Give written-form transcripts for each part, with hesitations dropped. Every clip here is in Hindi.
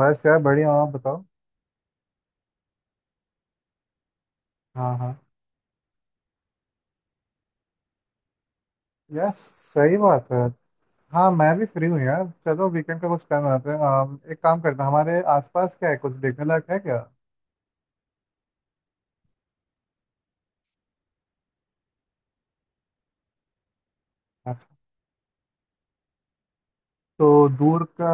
बस यार बढ़िया हूँ, आप बताओ। हाँ हाँ। यार सही बात है। हाँ मैं भी फ्री हूँ यार, चलो वीकेंड का कुछ प्लान बनाते हैं। एक काम करते हैं, हमारे आसपास क्या है, कुछ देखने लायक है क्या? हाँ। तो दूर का।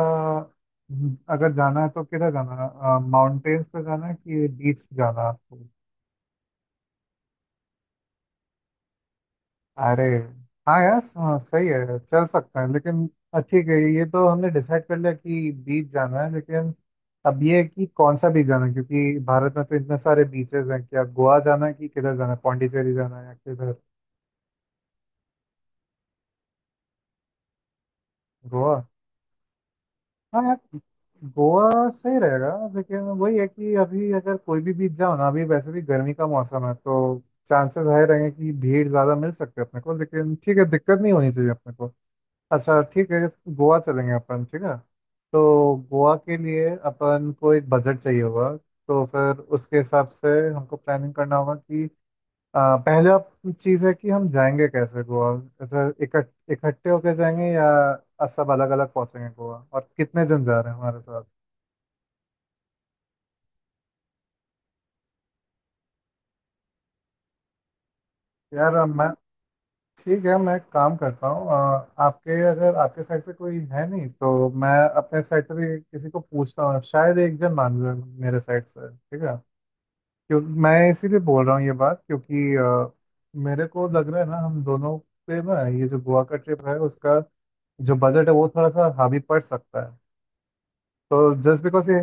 अगर जाना है तो किधर जाना है, माउंटेन्स पे जाना है कि बीच जाना है? अरे हाँ यार हाँ, सही है, चल सकते हैं लेकिन। ठीक है, ये तो हमने डिसाइड कर लिया कि बीच जाना है, लेकिन अब ये है कि कौन सा बीच जाना है, क्योंकि भारत में तो इतने सारे बीचेस हैं। क्या गोवा जाना है कि किधर जाना है, पौंडीचेरी जाना है या किधर? गोवा। हाँ यार, गोवा सही रहेगा। लेकिन वही है कि अभी अगर कोई भी बीच जाओ ना, अभी वैसे भी गर्मी का मौसम है तो चांसेस हाई रहेंगे कि भीड़ ज़्यादा मिल सकते हैं अपने को, लेकिन ठीक है, दिक्कत नहीं होनी चाहिए अपने को। अच्छा ठीक है, गोवा चलेंगे अपन, ठीक है। तो गोवा के लिए अपन को एक बजट चाहिए होगा, तो फिर उसके हिसाब से हमको प्लानिंग करना होगा कि अ, पहला चीज़ है कि हम जाएंगे कैसे गोवा, इधर इकट्ठे होके जाएंगे या सब अलग अलग पहुंचेंगे गोवा, और कितने जन जा रहे हैं हमारे साथ। यार मैं ठीक है, मैं एक काम करता हूँ, आपके अगर आपके साइड से कोई है नहीं तो मैं अपने साइड से भी किसी को पूछता हूँ, शायद एक जन मान ले मेरे साइड से, ठीक है। क्यों मैं इसीलिए बोल रहा हूँ ये बात क्योंकि मेरे को लग रहा है ना हम दोनों पे ना ये जो गोवा का ट्रिप है उसका जो बजट है वो थोड़ा सा हावी पड़ सकता है। तो जस्ट बिकॉज ये,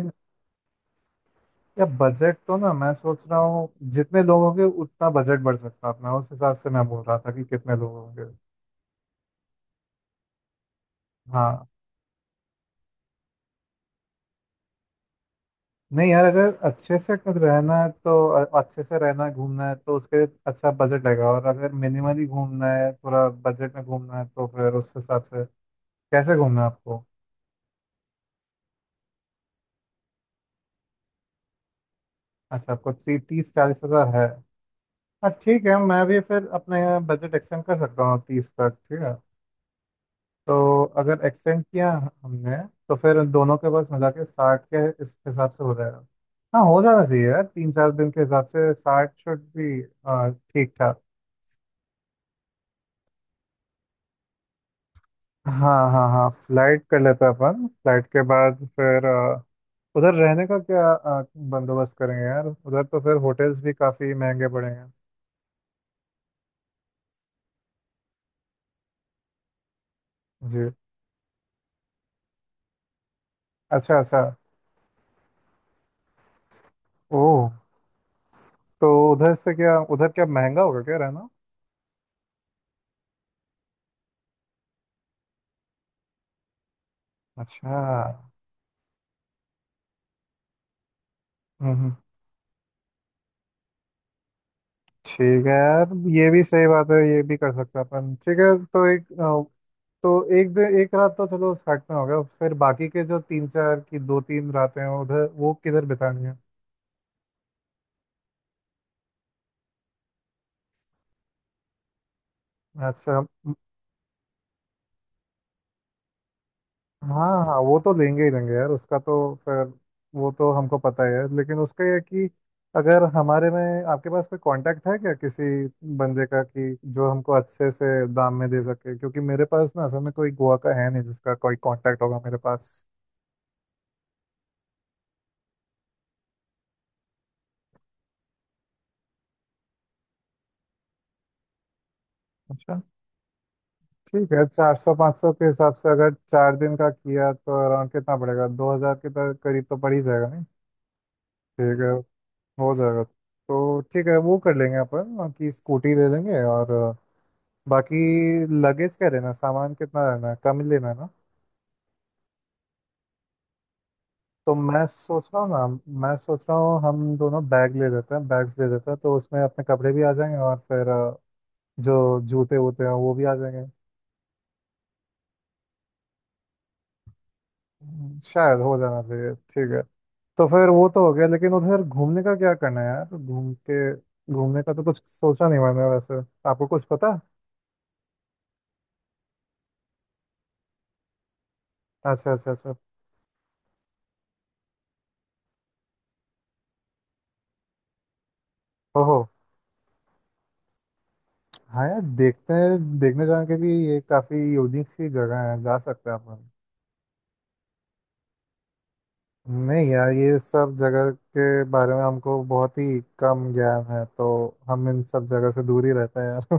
या बजट तो ना मैं सोच रहा हूँ जितने लोग होंगे उतना बजट बढ़ सकता है अपना, उस हिसाब से मैं बोल रहा था कि कितने लोग होंगे। हाँ। नहीं यार, अगर अच्छे से अगर रहना है तो अच्छे से रहना है घूमना है तो उसके लिए अच्छा बजट लगेगा, और अगर मिनिमली घूमना है, थोड़ा बजट में घूमना है तो फिर उस हिसाब से, कैसे घूमना है आपको? अच्छा, आपको 30-40 हज़ार है। हाँ ठीक है, मैं भी फिर अपने बजट एक्सटेंड कर सकता हूँ 30 तक, ठीक है। तो अगर एक्सटेंड किया हमने तो फिर दोनों के पास मिला के 60 के इस हिसाब से हो जाएगा। हाँ हो जाना चाहिए यार, 3-4 दिन के हिसाब से 60 शुड भी ठीक ठाक। हाँ हाँ हाँ फ्लाइट कर लेते हैं अपन। फ्लाइट के बाद फिर उधर रहने का क्या बंदोबस्त करेंगे यार, उधर तो फिर होटल्स भी काफ़ी महंगे पड़ेंगे। जी। अच्छा अच्छा। ओह। तो उधर से क्या, उधर क्या महंगा होगा क्या रहना? अच्छा। हम्म हम्म, ठीक है यार, ये भी सही बात है, ये भी कर सकते हैं अपन, ठीक है। तो एक तो एक दिन एक रात तो चलो साथ में हो गया, फिर बाकी के जो 3-4 की 2-3 रातें हैं उधर वो किधर बितानी है? अच्छा। हाँ हाँ, वो तो देंगे ही देंगे यार उसका तो, फिर वो तो हमको पता ही है। लेकिन उसका ये है कि अगर हमारे में आपके पास कोई कांटेक्ट है क्या किसी बंदे का कि जो हमको अच्छे से दाम में दे सके, क्योंकि मेरे पास ना असल में कोई गोवा का है नहीं जिसका कोई कांटेक्ट होगा मेरे पास। अच्छा। ठीक है, 400-500 के हिसाब से अगर 4 दिन का किया तो अराउंड कितना पड़ेगा, 2,000 के करीब तो पड़ ही जाएगा नहीं? ठीक है, हो जाएगा। तो ठीक है वो कर लेंगे अपन कि स्कूटी ले लेंगे, और बाकी लगेज का, रहना सामान कितना रहना है, कम ही लेना है ना। तो मैं सोच रहा हूँ ना, मैं सोच रहा हूँ हम दोनों बैग ले लेते हैं, बैग्स ले लेते हैं, तो उसमें अपने कपड़े भी आ जाएंगे और फिर जो जूते वूते हैं वो भी आ जाएंगे। शायद हो जाना चाहिए, ठीक है। तो फिर वो तो हो गया, लेकिन उधर घूमने का क्या करना है यार? घूम के, घूमने का तो कुछ सोचा नहीं मैंने वैसे, आपको कुछ पता है? अच्छा अच्छा अच्छा। ओहो। हाँ यार देखते हैं, देखने जाने के लिए ये काफ़ी यूनिक सी जगह है, जा सकते हैं अपन। नहीं यार, ये सब जगह के बारे में हमको बहुत ही कम ज्ञान है, तो हम इन सब जगह से दूर ही रहते हैं यार।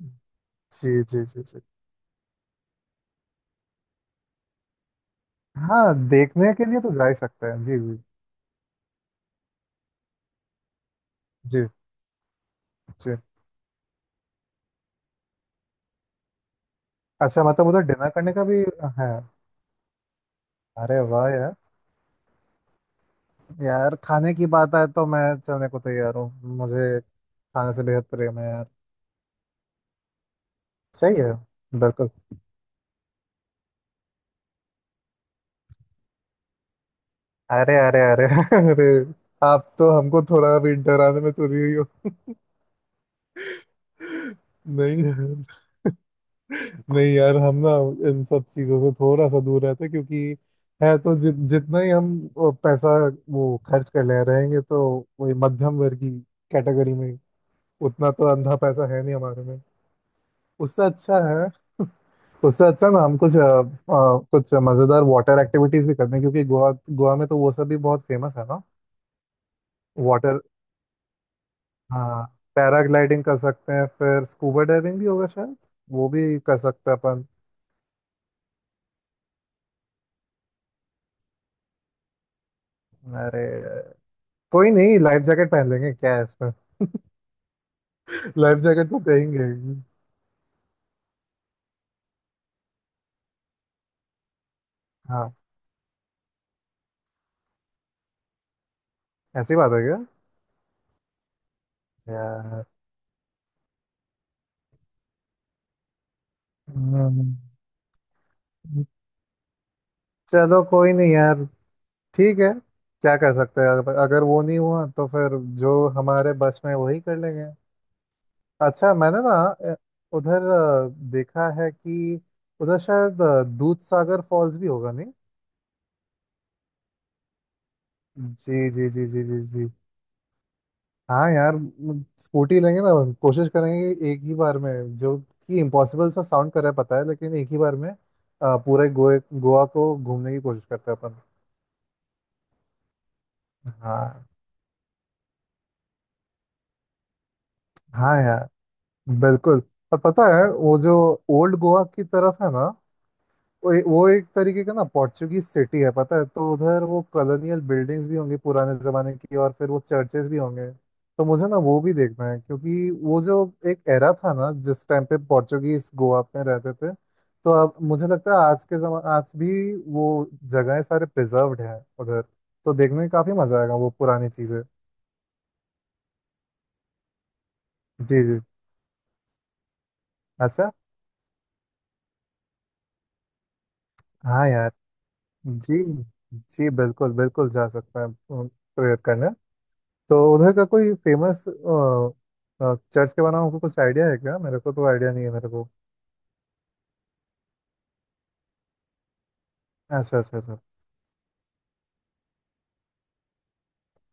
जी जी जी जी। हाँ देखने के लिए तो जा ही सकते हैं, जी जी। जी। जी अच्छा, मतलब उधर डिनर करने का भी है? अरे वाह यार, यार खाने की बात आए तो मैं चलने को तैयार हूँ, मुझे खाने से बेहद प्रेम है यार। सही है। बिल्कुल। अरे अरे अरे अरे, आप तो हमको थोड़ा भी डराने में तुली हुई हो। नहीं यार, नहीं यार हम ना इन सब चीजों से थोड़ा सा दूर रहते हैं, क्योंकि है तो जितना ही हम वो पैसा वो खर्च कर ले रहेंगे तो वही मध्यम वर्ग की कैटेगरी में। उतना तो अंधा पैसा है नहीं हमारे में। उससे अच्छा है, उससे अच्छा ना हम कुछ कुछ मजेदार वाटर एक्टिविटीज भी करते हैं, क्योंकि गोवा गोवा में तो वो सब भी बहुत फेमस है ना। वाटर, हाँ, पैराग्लाइडिंग कर सकते हैं, फिर स्कूबा डाइविंग भी होगा शायद, वो भी कर सकते हैं अपन। अरे कोई नहीं, लाइफ जैकेट पहन लेंगे, क्या है इसमें? लाइफ जैकेट तो देंगे ही। हाँ। ऐसी बात है क्या? यार। हम्म, चलो कोई नहीं यार, ठीक है, क्या कर सकते हैं, अगर अगर वो नहीं हुआ तो फिर जो हमारे बस में वही कर लेंगे। अच्छा, मैंने ना अ, उधर देखा है कि उधर शायद दूध सागर फॉल्स भी होगा नहीं? जी जी जी जी जी जी। हाँ यार, स्कूटी लेंगे ना, कोशिश करेंगे कि एक ही बार में जो कि इम्पॉसिबल सा साउंड कर रहा है पता है, लेकिन एक ही बार में पूरे गोए गोवा को घूमने की कोशिश करते हैं अपन। हाँ हाँ यार, बिल्कुल। और पता है वो जो ओल्ड गोवा की तरफ है ना, वो एक तरीके का ना पोर्चुगीज सिटी है पता है, तो उधर वो कॉलोनियल बिल्डिंग्स भी होंगी पुराने जमाने की, और फिर वो चर्चेस भी होंगे, तो मुझे ना वो भी देखना है, क्योंकि वो जो एक एरा था ना जिस टाइम पे पोर्चुगीज गोवा में रहते थे, तो अब मुझे लगता है आज के जमा आज भी वो जगहें सारे प्रिजर्व्ड हैं उधर, तो देखने में काफी मजा आएगा वो पुरानी चीजें। जी जी। अच्छा। हाँ यार। जी जी बिल्कुल बिल्कुल जा सकते हैं प्रेयर करने। तो उधर का कोई फेमस चर्च के बारे में आपको कुछ आइडिया है क्या? मेरे को तो आइडिया नहीं है मेरे को। अच्छा अच्छा अच्छा।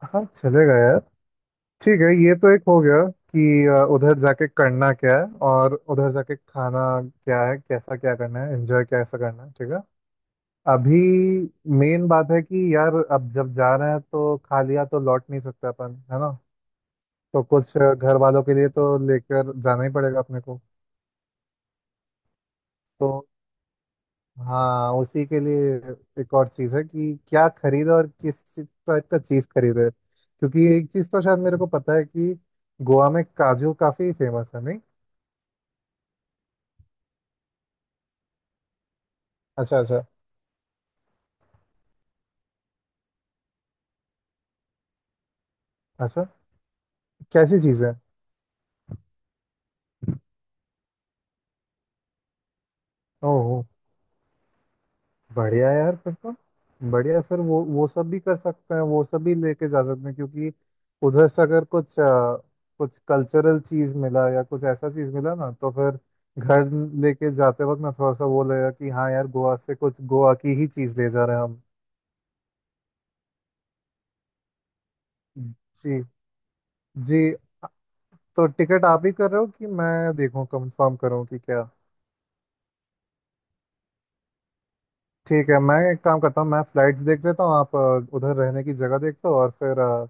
हाँ चलेगा यार, ठीक है, ये तो एक हो गया कि उधर जाके करना क्या है, और उधर जाके खाना क्या है कैसा, क्या करना है एंजॉय कैसा करना है, ठीक है। अभी मेन बात है कि यार अब जब जा रहे हैं तो खा लिया तो लौट नहीं सकता अपन है ना, तो कुछ घर वालों के लिए तो लेकर जाना ही पड़ेगा अपने को। तो हाँ, उसी के लिए एक और चीज है कि क्या खरीदे और किस टाइप का चीज खरीदे, क्योंकि एक चीज तो शायद मेरे को पता है कि गोवा में काजू काफी फेमस है नहीं? अच्छा अच्छा अच्छा। कैसी चीज है? ओह। बढ़िया यार, फिर तो बढ़िया, फिर वो सब भी कर सकते हैं, वो सब भी लेके जा सकते हैं, क्योंकि उधर से अगर कुछ कुछ कल्चरल चीज मिला या कुछ ऐसा चीज मिला ना तो फिर घर लेके जाते वक्त ना थोड़ा सा वो लगेगा कि हाँ यार गोवा से कुछ गोवा की ही चीज ले जा रहे हैं हम। जी जी। तो टिकट आप ही कर रहे हो कि मैं देखूं, कंफर्म करूं कि क्या? ठीक है, मैं एक काम करता हूँ, मैं फ्लाइट्स देख लेता हूँ, आप उधर रहने की जगह देख लो, और फिर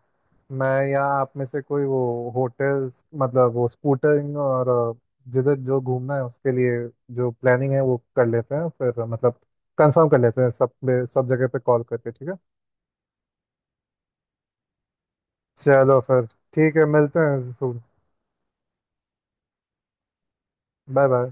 मैं या आप में से कोई वो होटल, मतलब वो स्कूटरिंग और अ, जिधर जो घूमना है उसके लिए जो प्लानिंग है वो कर लेते हैं, फिर मतलब कंफर्म कर लेते हैं सब पे, सब जगह पे कॉल करके, ठीक है। चलो फिर, ठीक है, मिलते हैं, सुन। Bye bye.